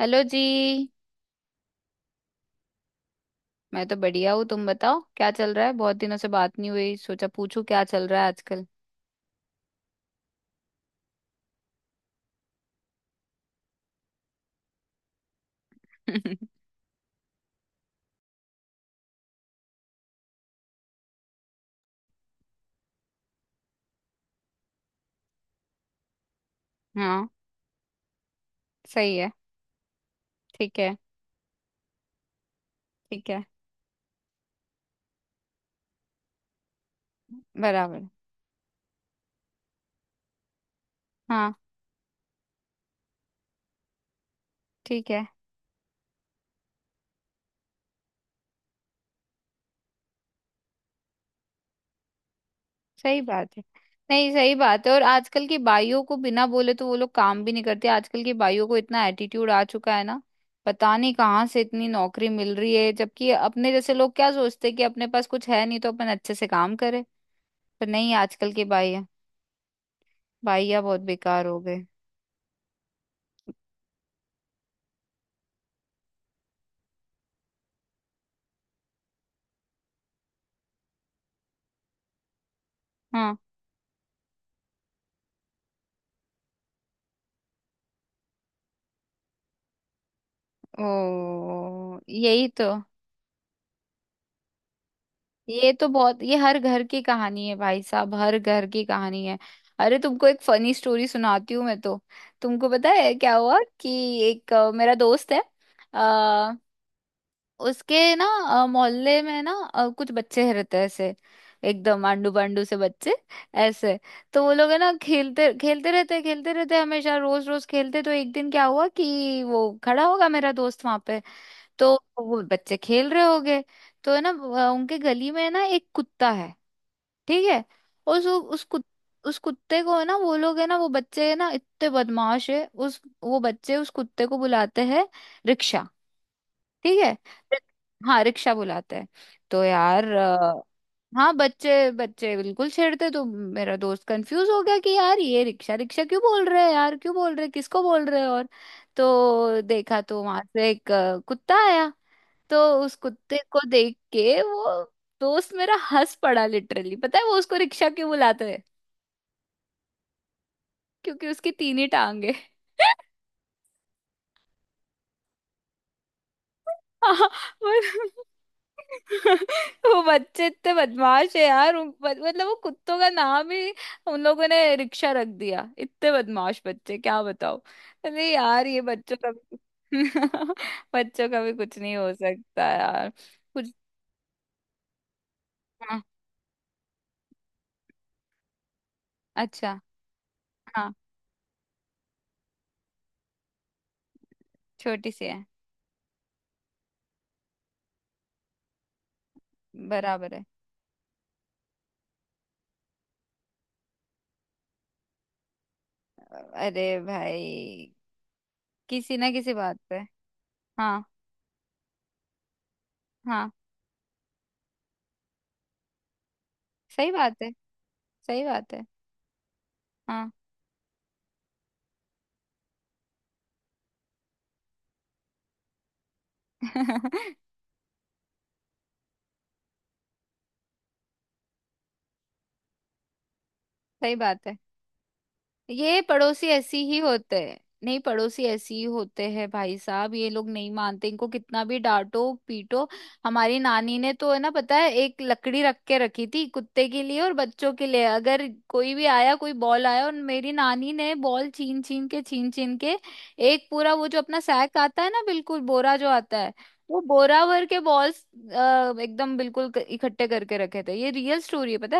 Hello जी। मैं तो बढ़िया हूँ। तुम बताओ, क्या चल रहा है? बहुत दिनों से बात नहीं हुई, सोचा पूछूं क्या चल रहा है आजकल। हाँ। सही है। ठीक है। ठीक है। बराबर। हाँ। ठीक है। सही बात है। नहीं, सही बात है। और आजकल की बाइयों को बिना बोले तो वो लोग काम भी नहीं करते। आजकल की बाइयों को इतना एटीट्यूड आ चुका है ना। पता नहीं कहाँ से इतनी नौकरी मिल रही है, जबकि अपने जैसे लोग क्या सोचते हैं कि अपने पास कुछ है नहीं तो अपन अच्छे से काम करें। पर नहीं, आजकल के बाइया, बाइया बहुत बेकार हो गए। हाँ। ओ, यही तो। ये तो बहुत, ये हर घर की कहानी है भाई साहब, हर घर की कहानी है। अरे तुमको एक फनी स्टोरी सुनाती हूँ मैं तो। तुमको पता है क्या हुआ कि एक मेरा दोस्त है। आ, उसके ना मोहल्ले में ना कुछ बच्चे रहते हैं ऐसे। एकदम आंडू पांडू से बच्चे ऐसे। तो वो लोग है ना, खेलते खेलते रहते, खेलते रहते हमेशा, रोज रोज खेलते। तो एक दिन क्या हुआ कि वो खड़ा होगा मेरा दोस्त वहां पे। तो वो बच्चे खेल रहे हो गए। तो है ना उनके गली में है ना एक कुत्ता है। ठीक है। उस उस कुत, उस कुत्ते को है ना, वो लोग है ना, वो बच्चे है ना, इतने बदमाश है। उस वो बच्चे उस कुत्ते को बुलाते हैं रिक्शा। ठीक है। हाँ, रिक्शा बुलाते हैं। तो यार, हाँ, बच्चे बच्चे बिल्कुल छेड़ते। तो मेरा दोस्त कंफ्यूज हो गया कि यार ये रिक्शा रिक्शा क्यों बोल रहे हैं, यार क्यों बोल रहे हैं, किसको बोल रहे हैं? और तो देखा तो वहां से एक कुत्ता आया। तो उस कुत्ते को देख के वो दोस्त मेरा हंस पड़ा लिटरली। पता है वो उसको रिक्शा क्यों बुलाता है? क्योंकि उसकी 3 ही टांग है। हाँ। पर- वो बच्चे इतने बदमाश है यार। मतलब वो कुत्तों का नाम ही उन लोगों ने रिक्शा रख दिया। इतने बदमाश बच्चे क्या बताओ। अरे यार, ये बच्चों का भी बच्चों का भी कुछ नहीं हो सकता यार। कुछ। हाँ। अच्छा। हाँ। छोटी सी है। बराबर है। अरे भाई, किसी ना किसी बात पे। हाँ। हाँ। सही बात है। सही बात है। हाँ। सही बात है। ये पड़ोसी ऐसी ही होते हैं। नहीं, पड़ोसी ऐसी ही होते हैं भाई साहब। ये लोग नहीं मानते, इनको कितना भी डांटो पीटो। हमारी नानी ने तो है ना, पता है, एक लकड़ी रख के रखी थी कुत्ते के लिए और बच्चों के लिए। अगर कोई भी आया, कोई बॉल आया, और मेरी नानी ने बॉल छीन छीन के एक पूरा वो जो अपना सैक आता है ना, बिल्कुल बोरा जो आता है, वो बोरा भर के बॉल्स एकदम बिल्कुल इकट्ठे करके रखे थे। ये रियल स्टोरी है पता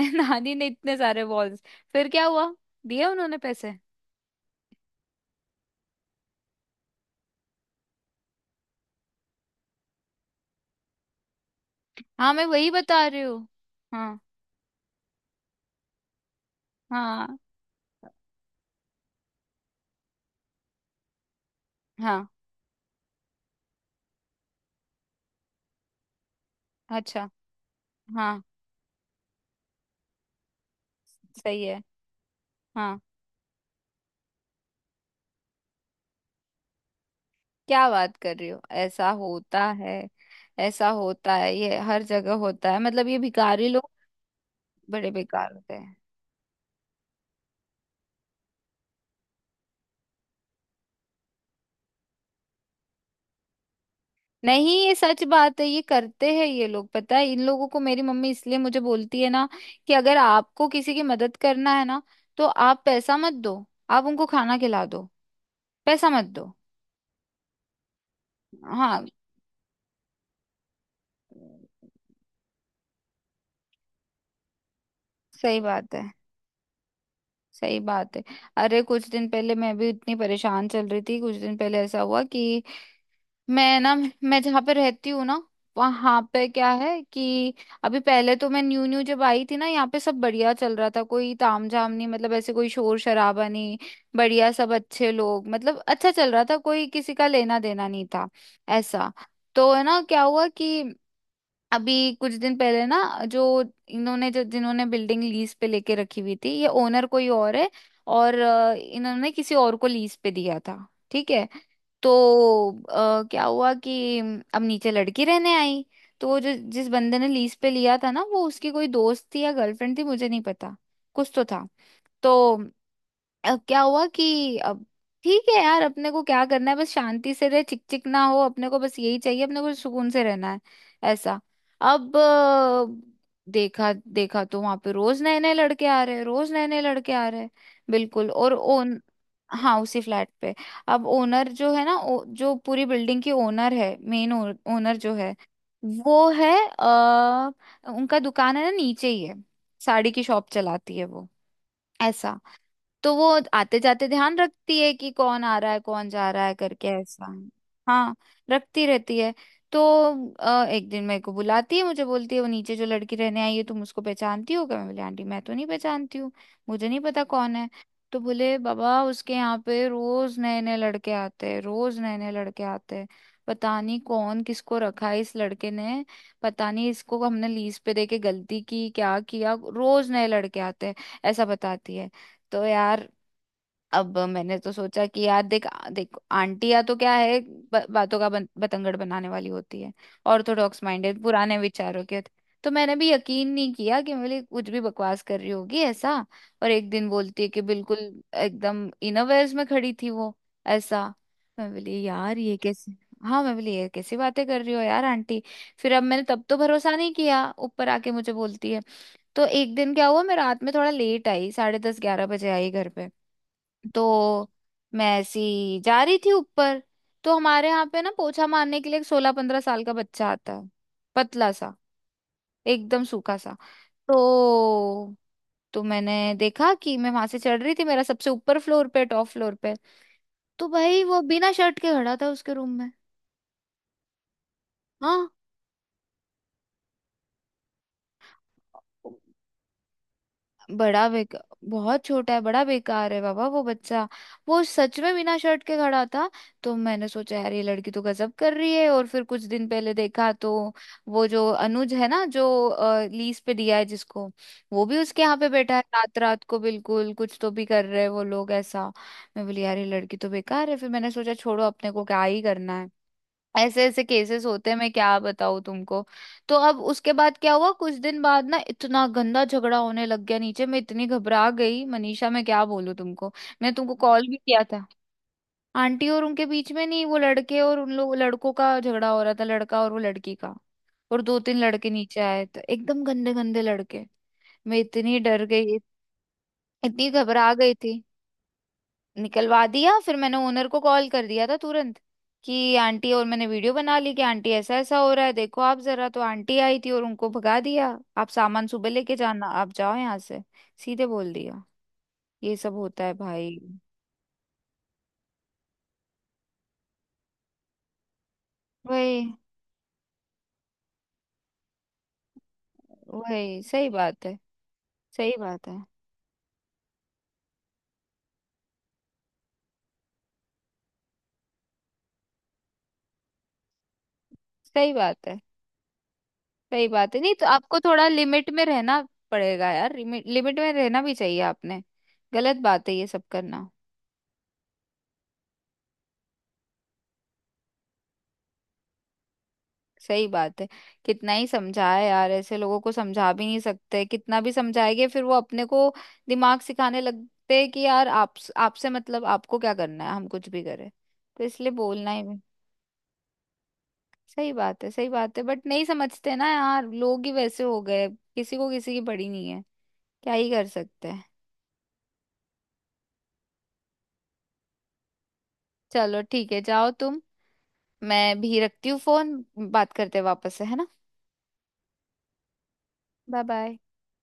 है। नानी ने इतने सारे बॉल्स। फिर क्या हुआ, दिया उन्होंने पैसे? हाँ, मैं वही बता रही हूँ। हाँ। हाँ। हाँ। अच्छा। हाँ। सही है। हाँ। क्या बात कर रही हो, ऐसा होता है? ऐसा होता है, ये हर जगह होता है। मतलब ये भिखारी लोग बड़े बेकार होते हैं। नहीं, ये सच बात है। ये करते हैं ये लोग। पता है, इन लोगों को मेरी मम्मी इसलिए मुझे बोलती है ना कि अगर आपको किसी की मदद करना है ना तो आप पैसा मत दो, आप उनको खाना खिला दो। पैसा मत दो। हाँ। सही बात है। सही बात है। अरे कुछ दिन पहले मैं भी इतनी परेशान चल रही थी। कुछ दिन पहले ऐसा हुआ कि मैं ना, मैं जहाँ पे रहती हूँ ना, वहां पे क्या है कि अभी पहले तो मैं न्यू न्यू जब आई थी ना यहाँ पे, सब बढ़िया चल रहा था। कोई तामझाम नहीं, मतलब ऐसे कोई शोर शराबा नहीं, बढ़िया सब अच्छे लोग। मतलब अच्छा चल रहा था, कोई किसी का लेना देना नहीं था ऐसा। तो है ना, क्या हुआ कि अभी कुछ दिन पहले ना, जो इन्होंने, जो जिन्होंने बिल्डिंग लीज पे लेके रखी हुई थी, ये ओनर कोई और है और इन्होंने किसी और को लीज पे दिया था। ठीक है। तो क्या हुआ कि अब नीचे लड़की रहने आई। तो वो जो जिस बंदे ने लीज पे लिया था ना, वो उसकी कोई दोस्त थी या गर्लफ्रेंड थी, मुझे नहीं पता, कुछ तो था। तो अब क्या हुआ कि अब, ठीक है यार, अपने को क्या करना है, बस शांति से रहे, चिक चिक ना हो, अपने को बस यही चाहिए, अपने को सुकून से रहना है ऐसा। अब देखा, देखा तो वहां पे रोज नए नए लड़के आ रहे हैं, रोज नए नए लड़के आ रहे हैं बिल्कुल। और ओन हाँ, उसी फ्लैट पे। अब ओनर जो है ना, जो पूरी बिल्डिंग की ओनर है, मेन ओनर जो है वो है आ, उनका दुकान है ना नीचे ही है, साड़ी की शॉप चलाती है वो, ऐसा। तो वो आते जाते ध्यान रखती है कि कौन आ रहा है कौन जा रहा है करके, ऐसा। हाँ। रखती रहती है। तो एक दिन मेरे को बुलाती है, मुझे बोलती है वो नीचे जो लड़की रहने आई है तुम उसको पहचानती हो क्या? मैं बोली, आंटी मैं तो नहीं पहचानती हूँ, मुझे नहीं पता कौन है। तो बोले, बाबा उसके यहाँ पे रोज नए नए लड़के आते हैं, रोज नए नए लड़के आते हैं। पता नहीं कौन किसको रखा है इस लड़के ने, पता नहीं, इसको हमने लीज पे देके गलती की, क्या किया, रोज नए लड़के आते हैं, ऐसा बताती है। तो यार, अब मैंने तो सोचा कि यार देख, देख आंटियां तो क्या है, बातों का बतंगड़ बनाने वाली होती है। ऑर्थोडॉक्स माइंडेड पुराने विचारों के होते- तो मैंने भी यकीन नहीं किया कि मेरे कुछ भी बकवास कर रही होगी ऐसा। और एक दिन बोलती है कि बिल्कुल एकदम इनोवेयर्स में खड़ी थी वो ऐसा। मैं बोली, यार ये कैसे, हाँ मैं बोली, ये कैसी बातें कर रही हो यार आंटी। फिर अब मैंने तब तो भरोसा नहीं किया। ऊपर आके मुझे बोलती है। तो एक दिन क्या हुआ, मैं रात में थोड़ा लेट आई, 10:30 11 बजे आई घर पे। तो मैं ऐसी जा रही थी ऊपर। तो हमारे यहाँ पे ना पोछा मारने के लिए एक 16 15 साल का बच्चा आता है, पतला सा, एकदम सूखा सा। तो तो मैंने देखा कि मैं वहां से चढ़ रही थी, मेरा सबसे ऊपर फ्लोर पे, टॉप फ्लोर पे, तो भाई वो बिना शर्ट के खड़ा था उसके रूम में। हाँ, बड़ा बेकार, बहुत छोटा है, बड़ा बेकार है बाबा वो बच्चा। वो सच में बिना शर्ट के खड़ा था। तो मैंने सोचा, यार ये लड़की तो गजब कर रही है। और फिर कुछ दिन पहले देखा तो वो जो अनुज है ना जो लीज पे दिया है जिसको, वो भी उसके यहाँ पे बैठा है रात रात को, बिल्कुल कुछ तो भी कर रहे हैं वो लोग ऐसा। मैं बोली, यार ये लड़की तो बेकार है। फिर मैंने सोचा, छोड़ो, अपने को क्या ही करना है। ऐसे ऐसे केसेस होते हैं, मैं क्या बताऊं तुमको। तो अब उसके बाद क्या हुआ, कुछ दिन बाद ना इतना गंदा झगड़ा होने लग गया नीचे, मैं इतनी घबरा गई मनीषा, मैं क्या बोलूं तुमको, मैं तुमको कॉल भी किया था। आंटी और उनके बीच में नहीं, वो लड़के और उन लोग लड़कों का झगड़ा हो रहा था, लड़का और वो लड़की का। और 2 3 लड़के नीचे आए तो एकदम गंदे गंदे लड़के। मैं इतनी डर गई, इतनी घबरा गई थी। निकलवा दिया, फिर मैंने ओनर को कॉल कर दिया था तुरंत कि आंटी, और मैंने वीडियो बना ली कि आंटी ऐसा ऐसा हो रहा है, देखो आप जरा। तो आंटी आई थी और उनको भगा दिया। आप सामान सुबह लेके जाना, आप जाओ यहाँ से, सीधे बोल दिया। ये सब होता है भाई। वही। वही। सही बात है। सही बात है। सही बात है। सही बात है, नहीं तो आपको थोड़ा लिमिट में रहना पड़ेगा यार। लिमिट लिमिट में रहना भी चाहिए आपने। गलत बात है ये सब करना। सही बात है। कितना ही समझाए यार, ऐसे लोगों को समझा भी नहीं सकते, कितना भी समझाएंगे फिर वो अपने को दिमाग सिखाने लगते हैं कि यार आप, आपसे मतलब आपको क्या करना है, हम कुछ भी करें। तो इसलिए बोलना ही भी। सही बात है। सही बात है, बट नहीं समझते ना यार, लोग ही वैसे हो गए, किसी को किसी की पड़ी नहीं है, क्या ही कर सकते हैं। चलो ठीक है, जाओ तुम, मैं भी रखती हूँ फोन। बात करते हैं वापस से, है ना? Bye bye.